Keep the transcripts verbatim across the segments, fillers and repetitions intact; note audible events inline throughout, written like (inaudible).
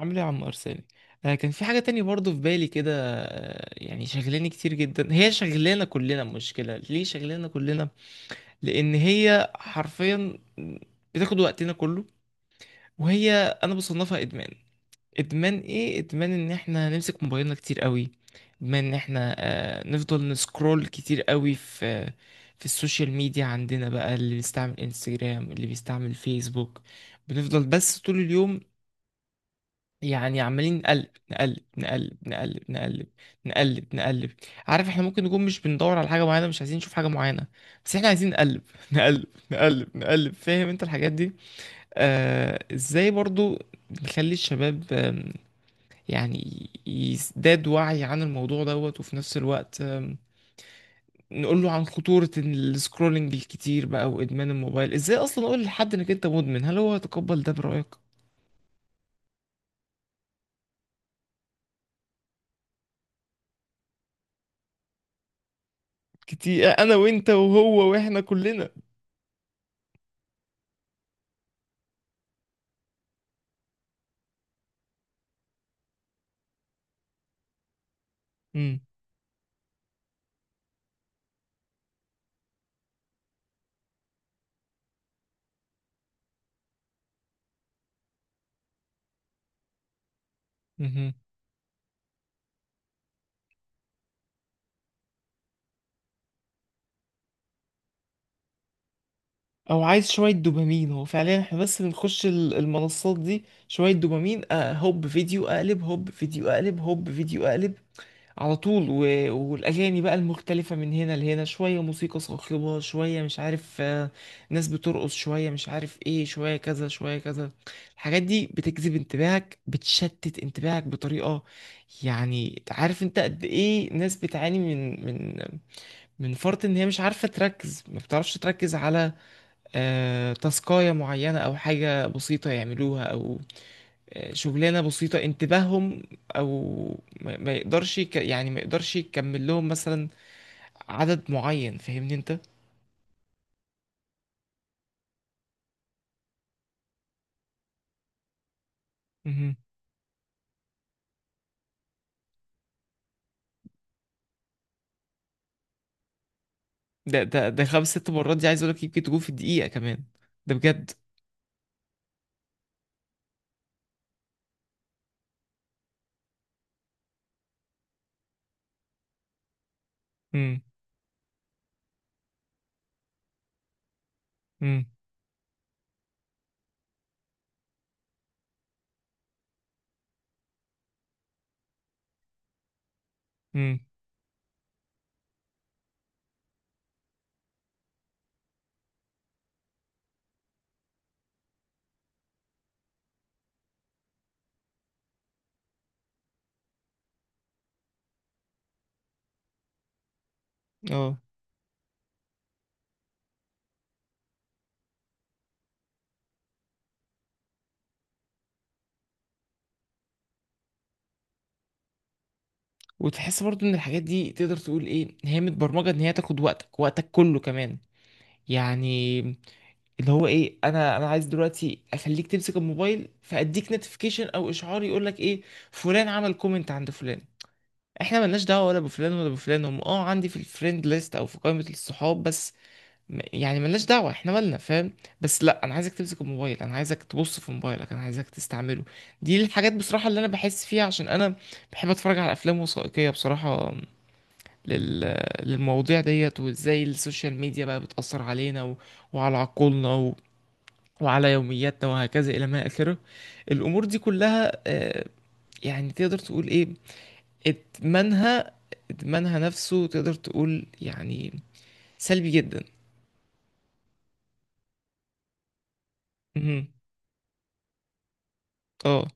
عامل ايه يا عم ارساني؟ آه كان في حاجه تانية برضو في بالي كده. آه يعني شغلاني كتير جدا، هي شغلانه كلنا، مشكله ليه شغلانه كلنا؟ لان هي حرفيا بتاخد وقتنا كله. وهي، انا بصنفها ادمان. ادمان ايه؟ ادمان ان احنا نمسك موبايلنا كتير قوي، ادمان ان احنا آه نفضل نسكرول كتير قوي في في السوشيال ميديا. عندنا بقى، اللي بيستعمل انستجرام، اللي بيستعمل فيسبوك، بنفضل بس طول اليوم، يعني عمالين نقلب نقلب نقلب نقلب نقلب نقلب نقلب. عارف احنا ممكن نكون مش بندور على حاجة معينة، مش عايزين نشوف حاجة معينة، بس احنا عايزين نقلب (laughs) نقلب نقلب نقلب. فاهم انت الحاجات دي؟ آه ازاي برضو نخلي الشباب، آم، يعني يزداد وعي عن الموضوع دوت، وفي نفس الوقت آم، نقول له عن خطورة السكرولنج الكتير بقى وإدمان الموبايل. ازاي اصلا اقول لحد انك انت مدمن؟ هل هو يتقبل ده برأيك؟ كتير، انا وانت وهو واحنا كلنا. مهم. او عايز شويه دوبامين، هو فعليا احنا بس بنخش ال- المنصات دي شويه دوبامين، أه، هوب فيديو اقلب، هوب فيديو اقلب، هوب فيديو اقلب على طول و... والاغاني بقى المختلفه من هنا لهنا، شويه موسيقى صاخبه، شويه مش عارف، آه، ناس بترقص، شويه مش عارف ايه، شويه كذا شويه كذا. الحاجات دي بتجذب انتباهك، بتشتت انتباهك بطريقه يعني. عارف انت قد ايه ناس بتعاني من من من فرط ان هي مش عارفه تركز، ما بتعرفش تركز على آه، تاسكاية معينة أو حاجة بسيطة يعملوها، أو آه، شغلانة بسيطة انتباههم، أو ما ما يقدرش يك- يعني ما يقدرش يكمل لهم مثلا عدد معين. فاهمني أنت؟ مهم. ده ده ده خمس ست مرات دي، عايز أقولك يمكن تكون في الدقيقة كمان. ده بجد. مم. مم. مم. اه. وتحس برضو إن الحاجات دي تقدر تقول إيه، هي متبرمجة إن هي تاخد وقتك وقتك كله كمان. يعني اللي هو ايه، انا انا عايز دلوقتي اخليك تمسك الموبايل، فاديك نوتيفيكيشن او اشعار يقول لك ايه، فلان عمل كومنت عند فلان. احنا ملناش دعوه ولا بفلان ولا بفلان، هم اه عندي في الفريند ليست او في قائمه الصحاب بس. م- يعني ملناش دعوه، احنا مالنا، فاهم؟ بس لا، انا عايزك تمسك الموبايل، انا عايزك تبص في موبايلك، انا عايزك تستعمله. دي الحاجات بصراحه اللي انا بحس فيها، عشان انا بحب اتفرج على افلام وثائقيه بصراحه لل... للمواضيع ديت، وازاي السوشيال ميديا بقى بتاثر علينا و... وعلى عقولنا وعلى يومياتنا وهكذا إلى ما آخره. الأمور دي كلها آه، يعني تقدر تقول إيه، إدمانها، إدمانها نفسه تقدر تقول يعني سلبي جدا. مهم. اه.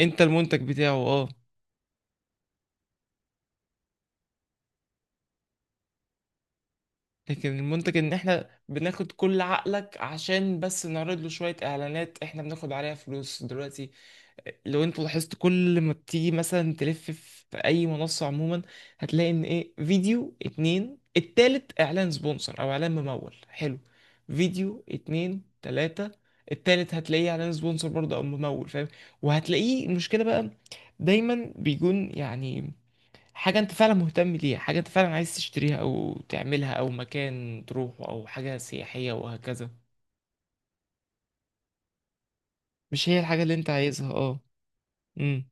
انت المنتج بتاعه، اه. لكن المنتج ان احنا بناخد كل عقلك عشان بس نعرض له شوية اعلانات احنا بناخد عليها فلوس دلوقتي. لو انتوا لاحظتوا كل ما بتيجي مثلا تلف في اي منصة عموما، هتلاقي ان ايه، فيديو اتنين التالت اعلان سبونسر او اعلان ممول، حلو. فيديو اتنين تلاتة، التالت هتلاقيه اعلان سبونسر برضه او ممول، فاهم؟ وهتلاقيه المشكلة بقى دايما بيكون يعني حاجة انت فعلا مهتم ليها، حاجة انت فعلا عايز تشتريها او تعملها او مكان تروحه او حاجة سياحية وهكذا. مش هي الحاجة اللي انت عايزها، اه. امم.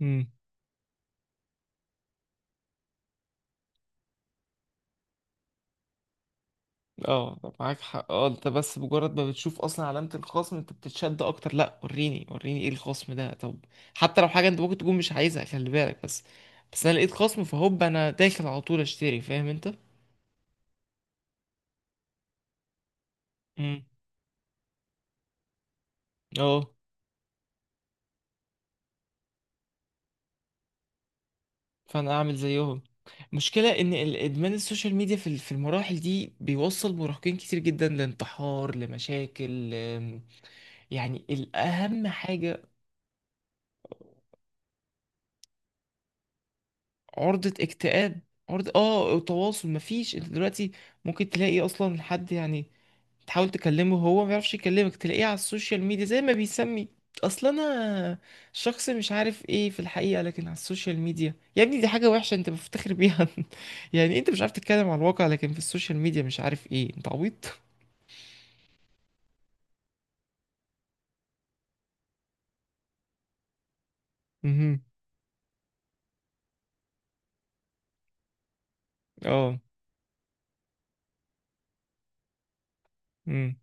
امم. اه معاك حق، اه. انت بس مجرد ما بتشوف اصلا علامة الخصم انت بتتشد اكتر، لا وريني وريني ايه الخصم ده. طب حتى لو حاجة انت ممكن تكون مش عايزها، خلي بالك. بس بس انا لقيت خصم، فهوب انا داخل على طول اشتري، فاهم انت؟ امم. اه. فانا اعمل زيهم. المشكلة ان ال- ادمان السوشيال ميديا في ال- في المراحل دي بيوصل مراهقين كتير جدا لانتحار، لمشاكل، لم- يعني الاهم حاجة. عرضة اكتئاب. عرضة اه، تواصل مفيش. انت دلوقتي ممكن تلاقي اصلا حد، يعني تحاول تكلمه هو ما يعرفش يكلمك، تلاقيه على السوشيال ميديا زي ما بيسمي، اصل انا شخص مش عارف ايه في الحقيقة، لكن على السوشيال ميديا يا ابني دي حاجة وحشة انت مفتخر بيها. (laughs) يعني انت مش عارف تتكلم على الواقع، لكن في السوشيال ميديا مش عارف ايه، انت عبيط. مهم. اه. مم.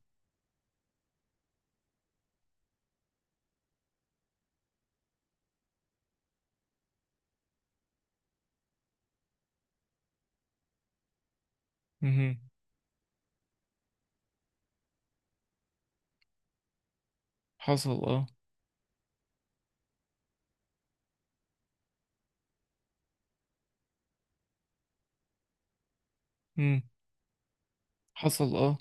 مهم. حصل اه. مم. حصل اه.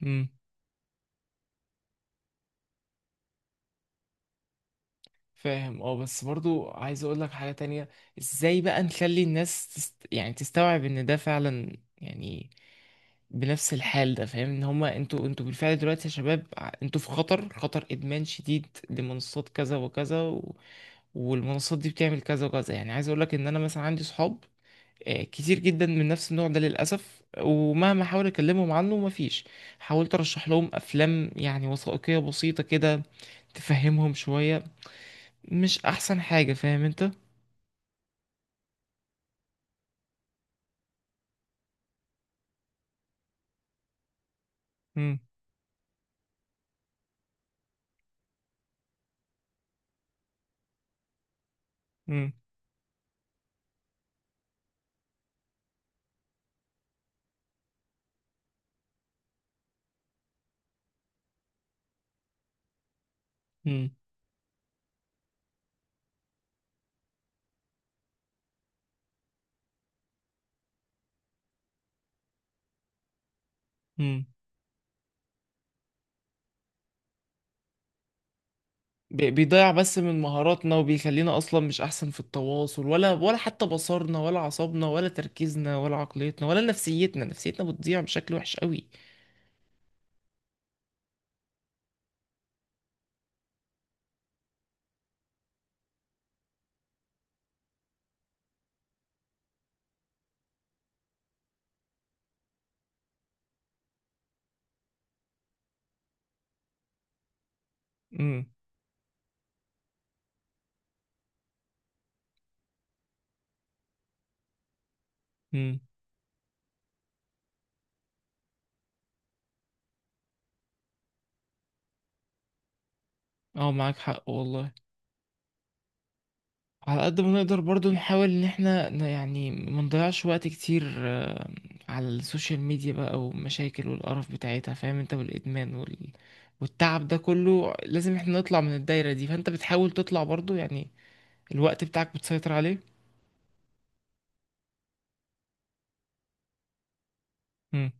مم. فاهم اه. بس برضو عايز اقول لك حاجة تانية، ازاي بقى نخلي الناس تست... يعني تستوعب ان ده فعلا يعني بنفس الحال ده. فاهم ان هما انتوا انتوا بالفعل دلوقتي يا شباب، ع- انتوا في خطر، خطر ادمان شديد لمنصات كذا وكذا و... والمنصات دي بتعمل كذا وكذا. يعني عايز اقول لك ان انا مثلا عندي صحاب آه، كتير جدا من نفس النوع ده للاسف. ومهما احاول اكلمهم عنه مفيش. حاولت ارشح لهم افلام يعني وثائقية بسيطة كده تفهمهم شوية، مش احسن حاجة، فاهم انت؟ مم. مم. مم. مم. بي- بيضيع بس من مهاراتنا، وبيخلينا اصلا مش احسن في التواصل، ولا ولا حتى بصرنا ولا عصبنا ولا تركيزنا ولا عقليتنا ولا نفسيتنا. نفسيتنا بتضيع بشكل وحش قوي. مم. مم. اه معاك حق والله. على قد ما نقدر برضو نحاول ان احنا ن- يعني ما نضيعش وقت كتير آه، على السوشيال ميديا بقى، والمشاكل والقرف بتاعتها، فاهم انت، والادمان وال... والتعب ده كله. لازم احنا نطلع من الدايرة دي. فانت بتحاول تطلع برضو يعني، الوقت بتاعك بتسيطر عليه. مم.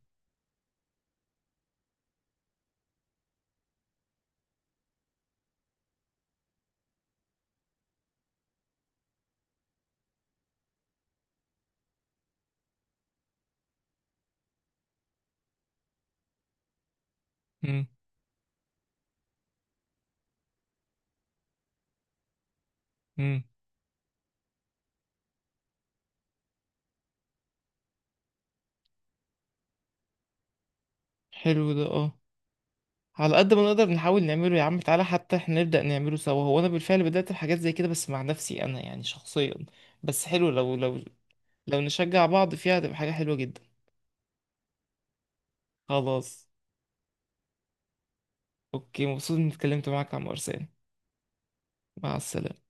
مم. مم. حلو ده، اه. على قد ما نقدر نحاول نعمله يا عم، تعالى حتى احنا نبدأ نعمله سوا. هو انا بالفعل بدأت بحاجات زي كده بس مع نفسي انا يعني شخصيا. بس حلو لو لو لو نشجع بعض فيها، هتبقى حاجة حلوة جدا. خلاص اوكي، مبسوط اني اتكلمت معاك عن ارساني. مع السلامة.